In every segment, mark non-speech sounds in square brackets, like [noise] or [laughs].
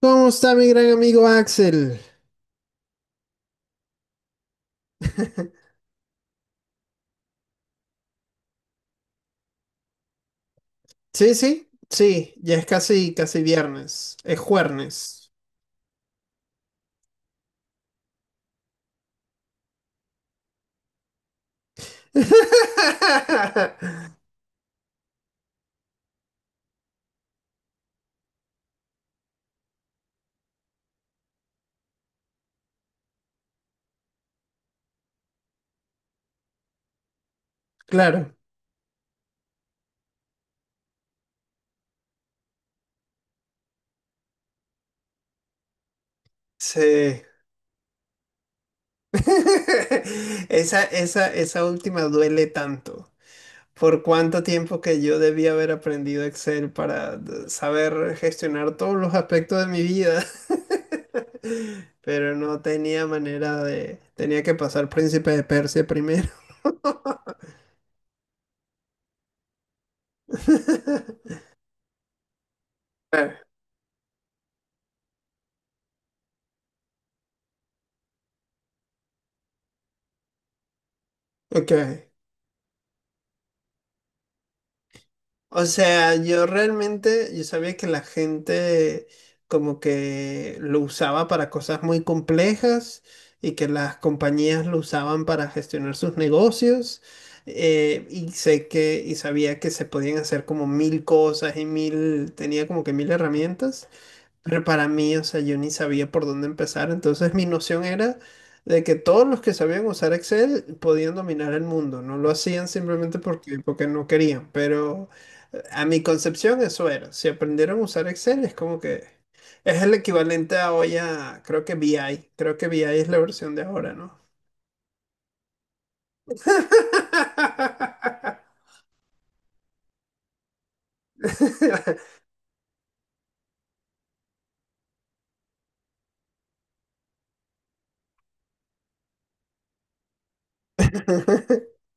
¿Cómo está mi gran amigo Axel? [laughs] Sí, sí, sí, ya es casi viernes, es juernes. [laughs] Claro, sí. [laughs] Esa última duele tanto. Por cuánto tiempo que yo debía haber aprendido Excel para saber gestionar todos los aspectos de mi vida. [laughs] Pero no tenía manera de... Tenía que pasar Príncipe de Persia primero. [laughs] Ok. O sea, yo realmente, yo sabía que la gente como que lo usaba para cosas muy complejas y que las compañías lo usaban para gestionar sus negocios. Y sabía que se podían hacer como mil cosas y mil, tenía como que mil herramientas. Pero para mí, o sea, yo ni sabía por dónde empezar. Entonces mi noción era de que todos los que sabían usar Excel podían dominar el mundo. No lo hacían simplemente porque no querían. Pero a mi concepción eso era. Si aprendieron a usar Excel es como que es el equivalente a hoy a, creo que BI. Creo que BI es la versión de ahora, ¿no? [laughs] [laughs]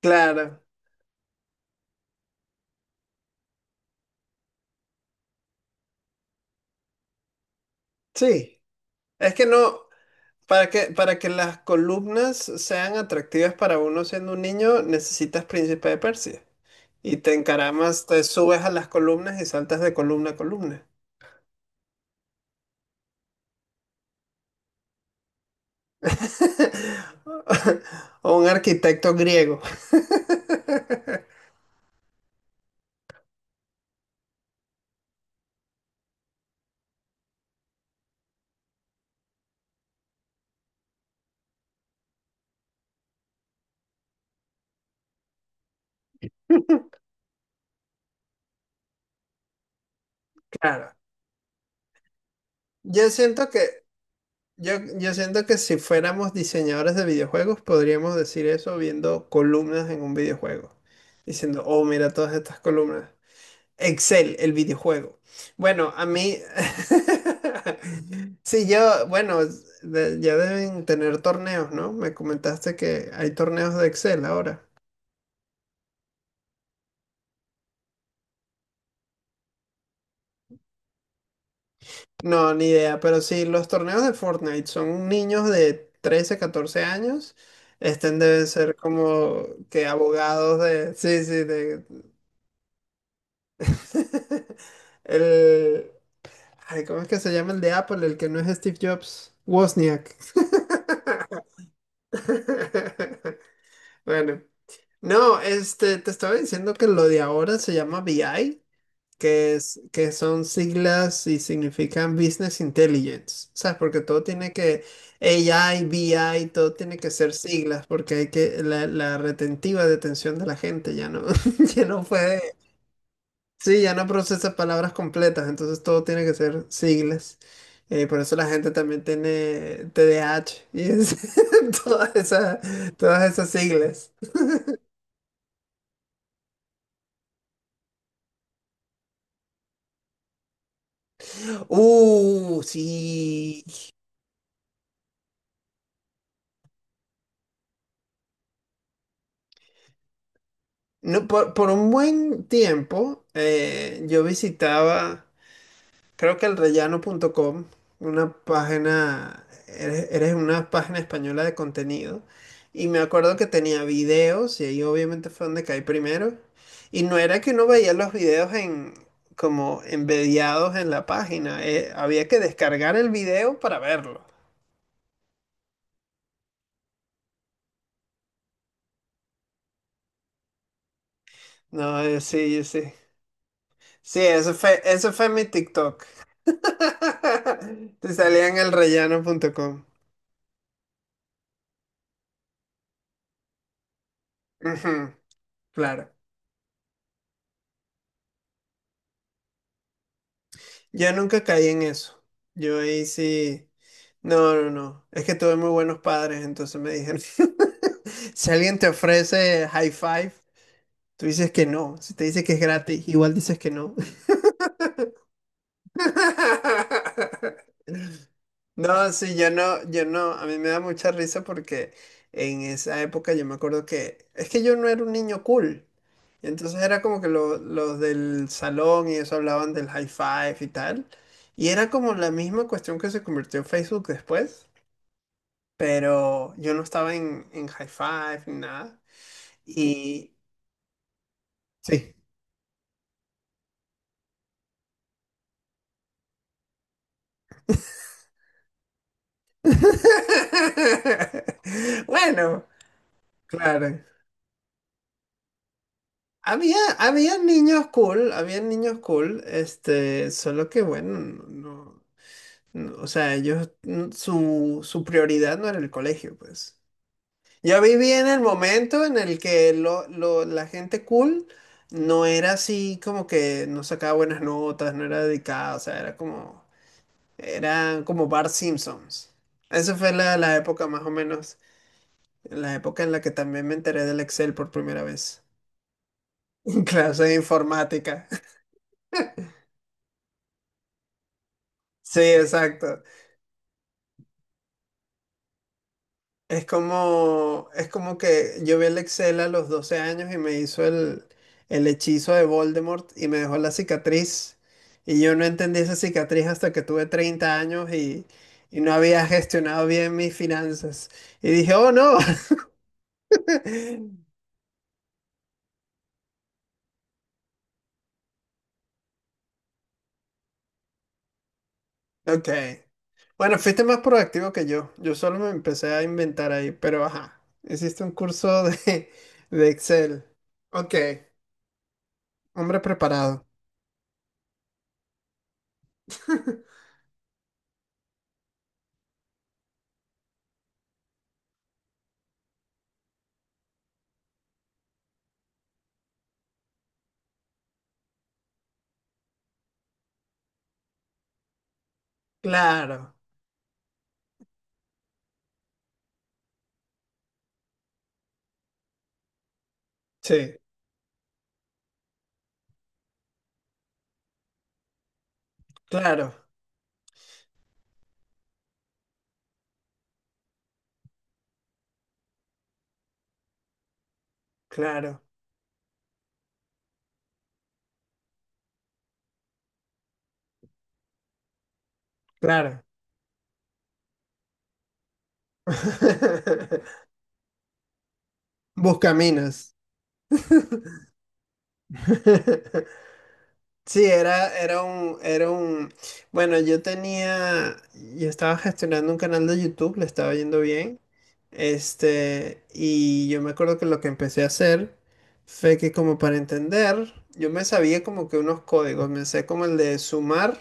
Claro, sí. Es que no. Para que las columnas sean atractivas para uno siendo un niño, necesitas Príncipe de Persia. Y te encaramas, te subes a las columnas y saltas de columna a columna. [laughs] O un arquitecto griego. [laughs] Claro. Yo siento que, yo siento que si fuéramos diseñadores de videojuegos, podríamos decir eso viendo columnas en un videojuego. Diciendo, oh, mira todas estas columnas. Excel, el videojuego. Bueno, a mí, [laughs] sí, yo, bueno, ya deben tener torneos, ¿no? Me comentaste que hay torneos de Excel ahora. No, ni idea, pero sí, los torneos de Fortnite son niños de 13, 14 años. Estén deben ser como que abogados de... Sí, sí, de... [laughs] el... Ay, ¿cómo es que se llama el de Apple? El que no es Steve Jobs. Wozniak. [laughs] Bueno. No, este, te estaba diciendo que lo de ahora se llama BI, que son siglas y significan Business Intelligence, ¿sabes? Porque todo tiene que, AI, BI, todo tiene que ser siglas, porque hay que, la retentiva detención de la gente ya no, [laughs] ya no puede, sí, ya no procesa palabras completas, entonces todo tiene que ser siglas. Por eso la gente también tiene TDAH y [laughs] todas esas, todas esas siglas. Sí. No, por un buen tiempo yo visitaba, creo que el elrellano.com, una página, eres una página española de contenido. Y me acuerdo que tenía videos, y ahí obviamente fue donde caí primero. Y no era que uno veía los videos en, como embediados en la página, había que descargar el video para verlo. No, sí, sí. Sí, eso fue mi TikTok. [laughs] Te salían el rellano.com. Ujú, claro. Yo nunca caí en eso. Yo ahí sí. No, no, no. Es que tuve muy buenos padres, entonces me dijeron. [laughs] Si alguien te ofrece high five, tú dices que no. Si te dice que es gratis, igual dices que no. [laughs] No, sí, yo no, a mí me da mucha risa porque en esa época yo me acuerdo que es que yo no era un niño cool. Y entonces era como que los del salón y eso hablaban del high five y tal. Y era como la misma cuestión que se convirtió en Facebook después, pero yo no estaba en high five ni nada. Y sí. [laughs] Bueno, claro. Había niños cool, había niños cool, este, solo que bueno, no, o sea, ellos, mm, su prioridad no era el colegio, pues. Yo viví en el momento en el que la gente cool no era así como que no sacaba buenas notas, no era dedicada, o sea, era como, eran como Bart Simpsons. Esa fue la época más o menos, la época en la que también me enteré del Excel por primera vez, [laughs] en clase de informática. Sí, exacto. Es como que yo vi el Excel a los 12 años y me hizo el hechizo de Voldemort y me dejó la cicatriz. Y yo no entendí esa cicatriz hasta que tuve 30 años y no había gestionado bien mis finanzas. Y dije, oh no. [laughs] Ok. Bueno, fuiste más proactivo que yo. Yo solo me empecé a inventar ahí, pero ajá. Hiciste un curso de Excel. Ok, hombre preparado. [laughs] Claro, sí, claro, claro, claro. [laughs] Buscaminas. [laughs] Sí, era un, bueno, yo tenía, yo estaba gestionando un canal de YouTube, le estaba yendo bien, este, y yo me acuerdo que lo que empecé a hacer fue que como para entender, yo me sabía como que unos códigos, me sé como el de sumar.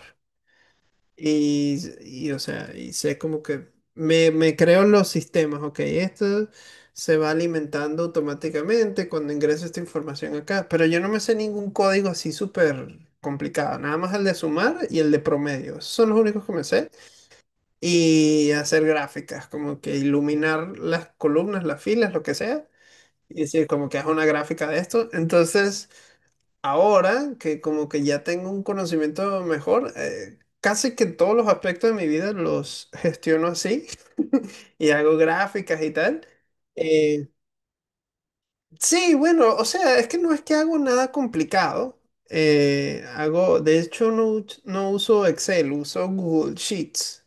O sea, y sé como que me creo los sistemas, ok, esto se va alimentando automáticamente cuando ingreso esta información acá, pero yo no me sé ningún código así súper complicado, nada más el de sumar y el de promedio, esos son los únicos que me sé, y hacer gráficas, como que iluminar las columnas, las filas, lo que sea, y decir como que haz una gráfica de esto, entonces... Ahora que como que ya tengo un conocimiento mejor, casi que todos los aspectos de mi vida los gestiono así [laughs] y hago gráficas y tal. Eh, sí, bueno, o sea, es que no es que hago nada complicado. Hago, de hecho, no, no uso Excel, uso Google Sheets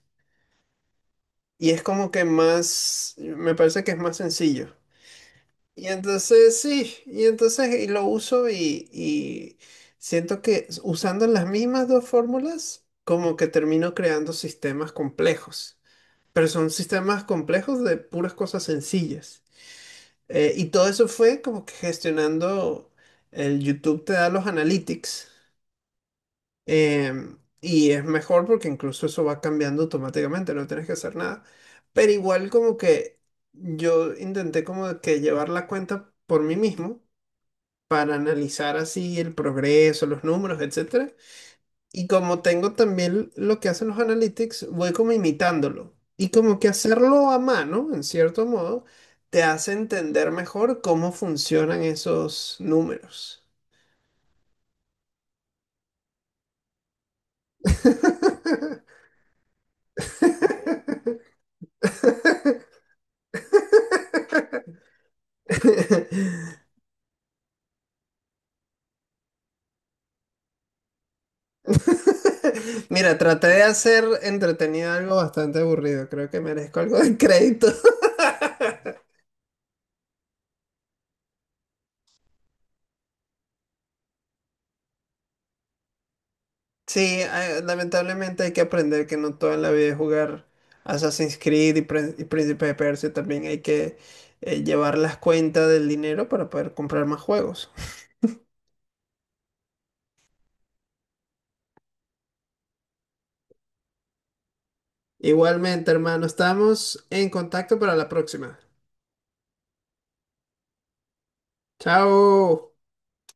y es como que más, me parece que es más sencillo. Y entonces sí, y entonces y lo uso y siento que usando las mismas dos fórmulas, como que termino creando sistemas complejos, pero son sistemas complejos de puras cosas sencillas. Y todo eso fue como que gestionando el YouTube te da los analytics y es mejor porque incluso eso va cambiando automáticamente, no tienes que hacer nada. Pero igual como que yo intenté como que llevar la cuenta por mí mismo para analizar así el progreso, los números, etcétera. Y como tengo también lo que hacen los analytics, voy como imitándolo. Y como que hacerlo a mano, en cierto modo, te hace entender mejor cómo funcionan esos números. [laughs] Mira, traté de hacer entretenido algo bastante aburrido. Creo que merezco algo de crédito. [laughs] Sí, ah, lamentablemente hay que aprender que no toda la vida es jugar Assassin's Creed y, y Príncipe de Persia. También hay que llevar las cuentas del dinero para poder comprar más juegos. Igualmente, hermano, estamos en contacto para la próxima. Chao.